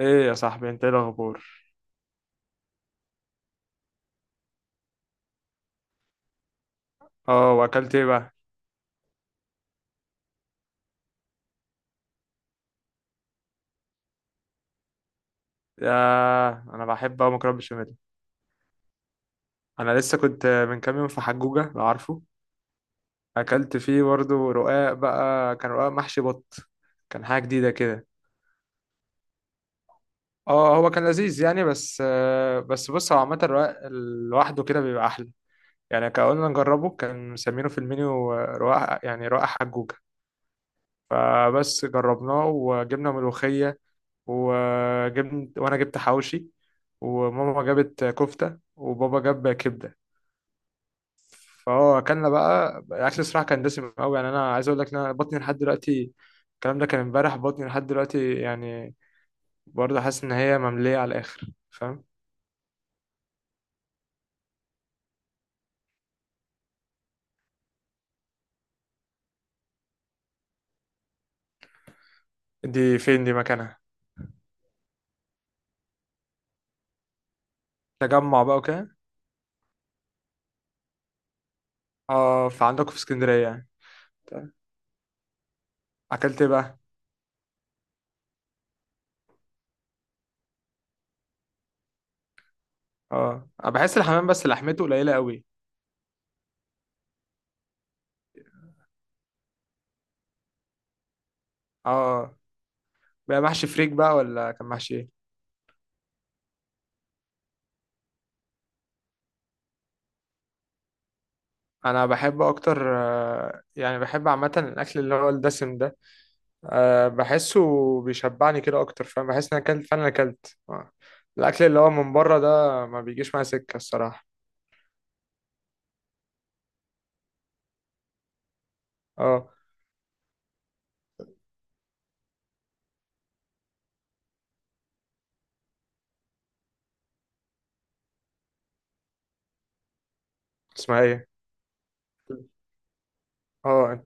ايه يا صاحبي، انت ايه الاخبار؟ اه، واكلت ايه بقى؟ يا انا بحب اوي مكرونه بشاميل. انا لسه كنت من كام يوم في حجوجه، لو عارفه. اكلت فيه برضه رقاق، بقى كان رقاق محشي بط. كان حاجه جديده كده. اه، هو كان لذيذ يعني، بس بس بص، هو عامه الرقاق لوحده كده بيبقى احلى. يعني كان قلنا نجربه، كان مسمينه في المنيو رقاق، يعني رقاق حجوجه. فبس جربناه، وجبنا ملوخيه، وانا جبت حواوشي، وماما جابت كفتة، وبابا جاب كبدة. فهو اكلنا بقى الاكل، الصراحة كان دسم قوي. يعني انا عايز اقول لك ان انا بطني لحد دلوقتي. الكلام ده كان امبارح، بطني لحد دلوقتي يعني برضه حاسس ان هي مملية على الاخر، فاهم؟ دي فين دي مكانها؟ تجمع بقى وكده؟ اه، فعندكم في اسكندرية يعني. طيب، اكلت ايه بقى؟ اه، أنا بحس الحمام بس لحمته قليلة قوي. اه، بقى محشي فريك بقى، ولا كان محشي ايه؟ انا بحب اكتر يعني بحب عامه الاكل اللي هو الدسم ده. آه، بحسه بيشبعني كده اكتر، فاهم؟ بحس ان انا اكلت فعلا، اكلت آه. الاكل اللي هو من بره ده ما بيجيش معايا سكه الصراحه. اه، اسمها ايه؟ اه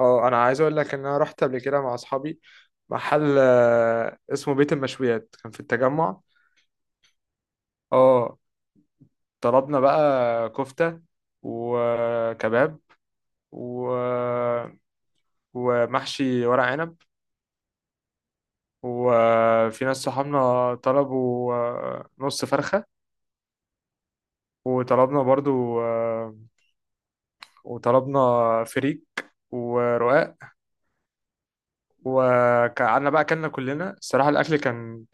اه، انا عايز اقول لك ان انا رحت قبل كده مع اصحابي محل اسمه بيت المشويات، كان في التجمع. اه، طلبنا بقى كفته وكباب و... ومحشي ورق عنب. وفي ناس صحابنا طلبوا نص فرخة، وطلبنا برضو وطلبنا فريك ورقاق. وقعدنا بقى أكلنا كلنا، الصراحة الأكل كان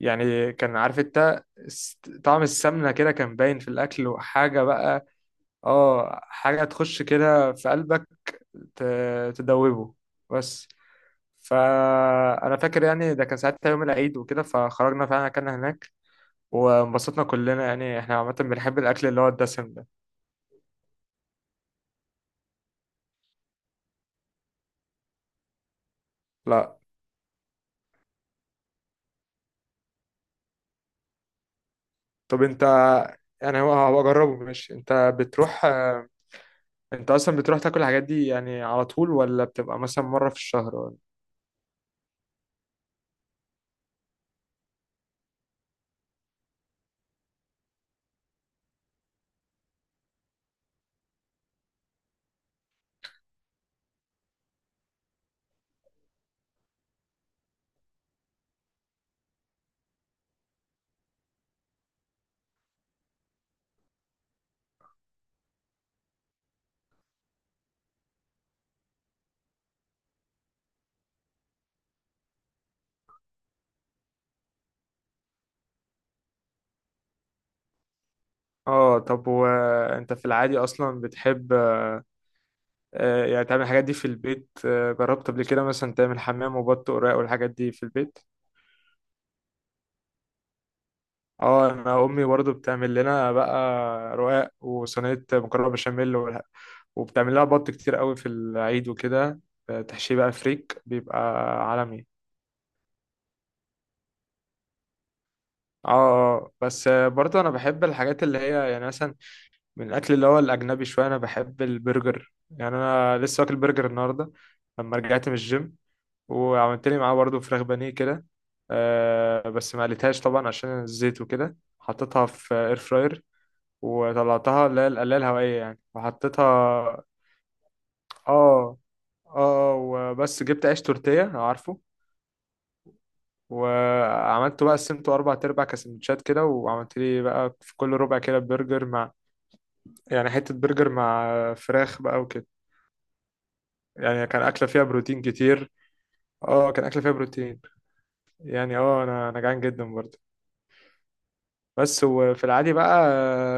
يعني كان، عارف انت، طعم السمنة كده كان باين في الأكل وحاجة بقى. اه، حاجة تخش كده في قلبك، تدوبه بس. فأنا فاكر يعني، ده كان ساعتها يوم العيد وكده، فخرجنا فعلا أكلنا هناك وانبسطنا كلنا. يعني احنا عامة بنحب الأكل اللي هو الدسم ده. لا، طب انت، يعني هو أجربه ماشي، انت بتروح آه، انت أصلا بتروح تاكل الحاجات دي يعني على طول، ولا بتبقى مثلا مرة في الشهر ولا؟ اه، طب وانت في العادي أصلا بتحب يعني تعمل الحاجات دي في البيت؟ جربت قبل كده مثلا تعمل حمام وبط وراق والحاجات دي في البيت؟ اه، انا امي برضو بتعمل لنا بقى رقاق وصينيه مكرونه بشاميل وبتعمل لها بط كتير قوي في العيد وكده، تحشيه بقى فريك، بيبقى عالمي. اه اه اه. بس برضو انا بحب الحاجات اللي هي يعني مثلا من الاكل اللي هو الاجنبي شويه. انا بحب البرجر، يعني انا لسه واكل برجر النهارده لما رجعت من الجيم. وعملت لي معاه برضو فراخ بانيه كده، آه، بس ما قليتهاش طبعا عشان الزيت وكده، حطيتها في اير فراير وطلعتها، اللي هي القلاية الهوائية يعني، وحطيتها اه. اه وبس جبت عيش تورتيه، لو عارفه. وعملته بقى، قسمته اربع تربع، كسندوتشات كده، وعملت لي بقى في كل ربع كده برجر مع، يعني حته برجر مع فراخ بقى وكده. يعني كان اكله فيها بروتين كتير. اه، كان اكله فيها بروتين يعني. اه انا جعان جدا برضه. بس، وفي العادي بقى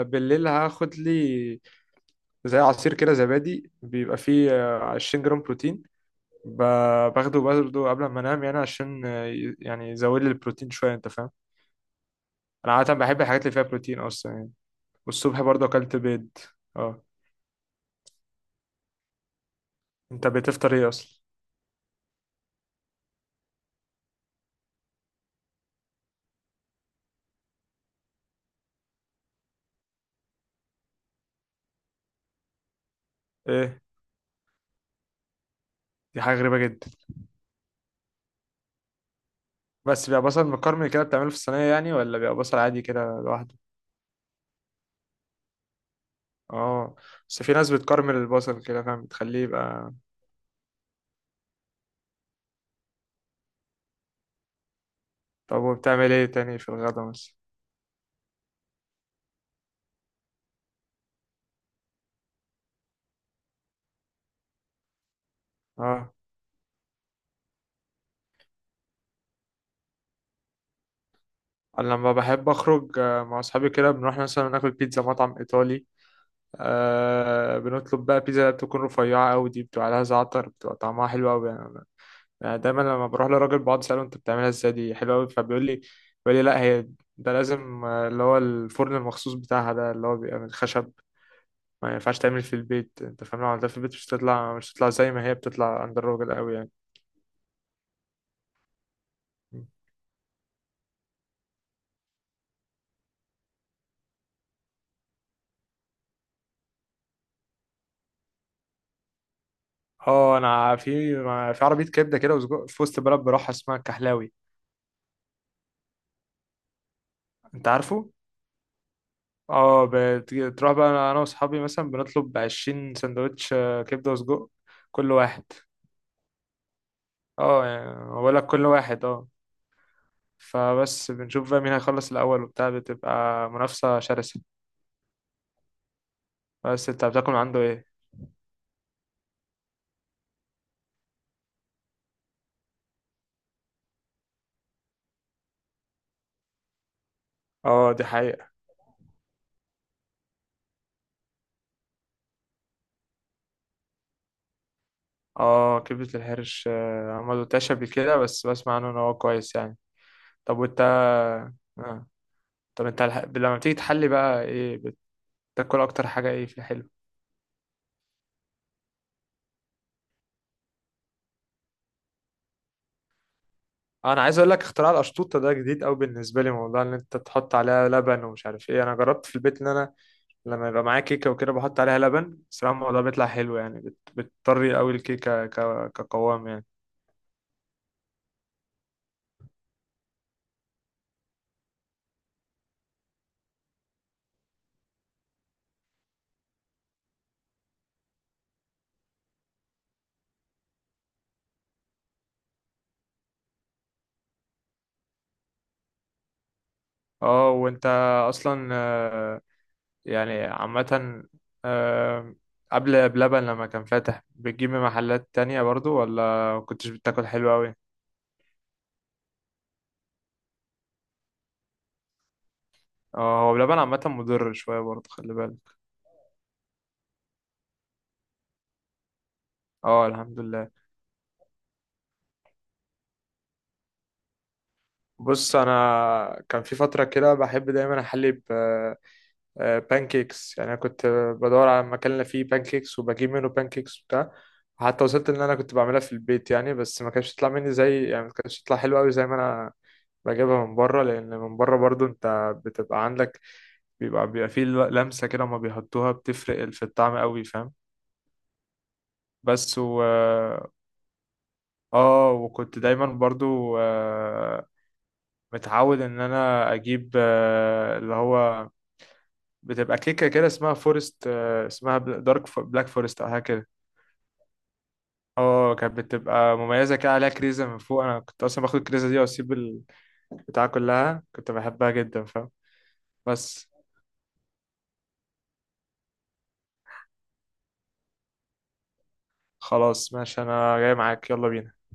بالليل هاخد لي زي عصير كده، زبادي بيبقى فيه 20 جرام بروتين، باخده برضه قبل ما انام، يعني عشان يعني يزود لي البروتين شويه، انت فاهم؟ انا عاده بحب الحاجات اللي فيها بروتين اصلا يعني. والصبح برضه اكلت بيض. اه، انت بتفطر ايه اصلا؟ ايه، دي حاجه غريبه جدا. بس بيبقى بصل مكرمل كده بتعمله في الصينيه يعني، ولا بيبقى بصل عادي كده لوحده؟ اه، بس في ناس بتكرمل البصل كده، فاهم؟ بتخليه يبقى. طب وبتعمل ايه تاني في الغدا مثلا؟ اه، انا لما بحب اخرج مع اصحابي كده بنروح مثلا ناكل بيتزا، مطعم ايطالي. آه، بنطلب بقى بيتزا بتكون رفيعة أوي، دي بتبقى عليها زعتر، بتبقى طعمها حلو أوي يعني، أنا يعني دايما لما بروح لراجل بقعد أسأله أنت بتعملها إزاي، دي حلوة أوي، فبيقول لي لا، هي ده لازم اللي هو الفرن المخصوص بتاعها ده، اللي هو بيبقى من خشب، ما ينفعش تعمل في البيت. أنت فاهم؟ لو عملتها في البيت مش هتطلع، مش هتطلع زي ما هي بتطلع عند الراجل أوي يعني. اه، أنا في في عربية كبدة كده وسجق في وسط البلد بروحها، اسمها الكحلاوي. أنت عارفه؟ اه، تروح بقى انا واصحابي مثلا بنطلب عشرين سندوتش كبدة وسجق كل واحد. اه، يعني بقول لك كل واحد، اه. فبس بنشوف بقى مين هيخلص الاول وبتاع، بتبقى منافسة شرسة. بس انت بتاكل من عنده ايه؟ اه، دي حقيقة. اه، كبدة الحرش انا ما دوتهاش قبل كده، بس بسمع عنه ان هو كويس يعني. طب وانت آه. طب انت لما بتيجي تحلي بقى ايه؟ بتاكل اكتر حاجة ايه في الحلو؟ آه، انا عايز اقول لك اختراع القشطوطه ده جديد قوي بالنسبه لي، موضوع ان انت تحط عليها لبن ومش عارف ايه. انا جربت في البيت ان انا لما يبقى معايا كيكه وكده بحط عليها لبن، الصراحه الموضوع بيطلع حلو يعني، بتطري قوي الكيكه كقوام يعني. اه، وانت اصلا يعني عامه، آه، قبل بلبن لما كان فاتح بتجيب من محلات تانية برضو، ولا كنتش بتاكل حلو قوي؟ اه، هو بلبن عامه مضر شويه برضو، خلي بالك. اه، الحمد لله. بص، انا كان في فتره كده بحب دايما احلي ب بانكيكس، يعني انا كنت بدور على مكان اللي فيه بانكيكس، وبجيب منه بانكيكس وبتاع. حتى وصلت ان انا كنت بعملها في البيت يعني، بس ما كانش يطلع مني زي يعني، ما كانش يطلع حلو قوي زي ما انا بجيبها من بره. لان من بره برضو انت بتبقى عندك، بيبقى فيه لمسه كده ما بيحطوها، بتفرق في الطعم قوي، فاهم؟ بس و اه، وكنت دايما برضو متعود ان انا اجيب اللي هو بتبقى كيكه كده اسمها فورست، اسمها دارك بلاك فورست او حاجه كده. اه، كانت بتبقى مميزه كده، عليها كريزه من فوق، انا كنت اصلا باخد الكريزه دي واسيب البتاع كلها، كنت بحبها جدا، فاهم؟ بس، خلاص ماشي انا جاي معاك، يلا بينا.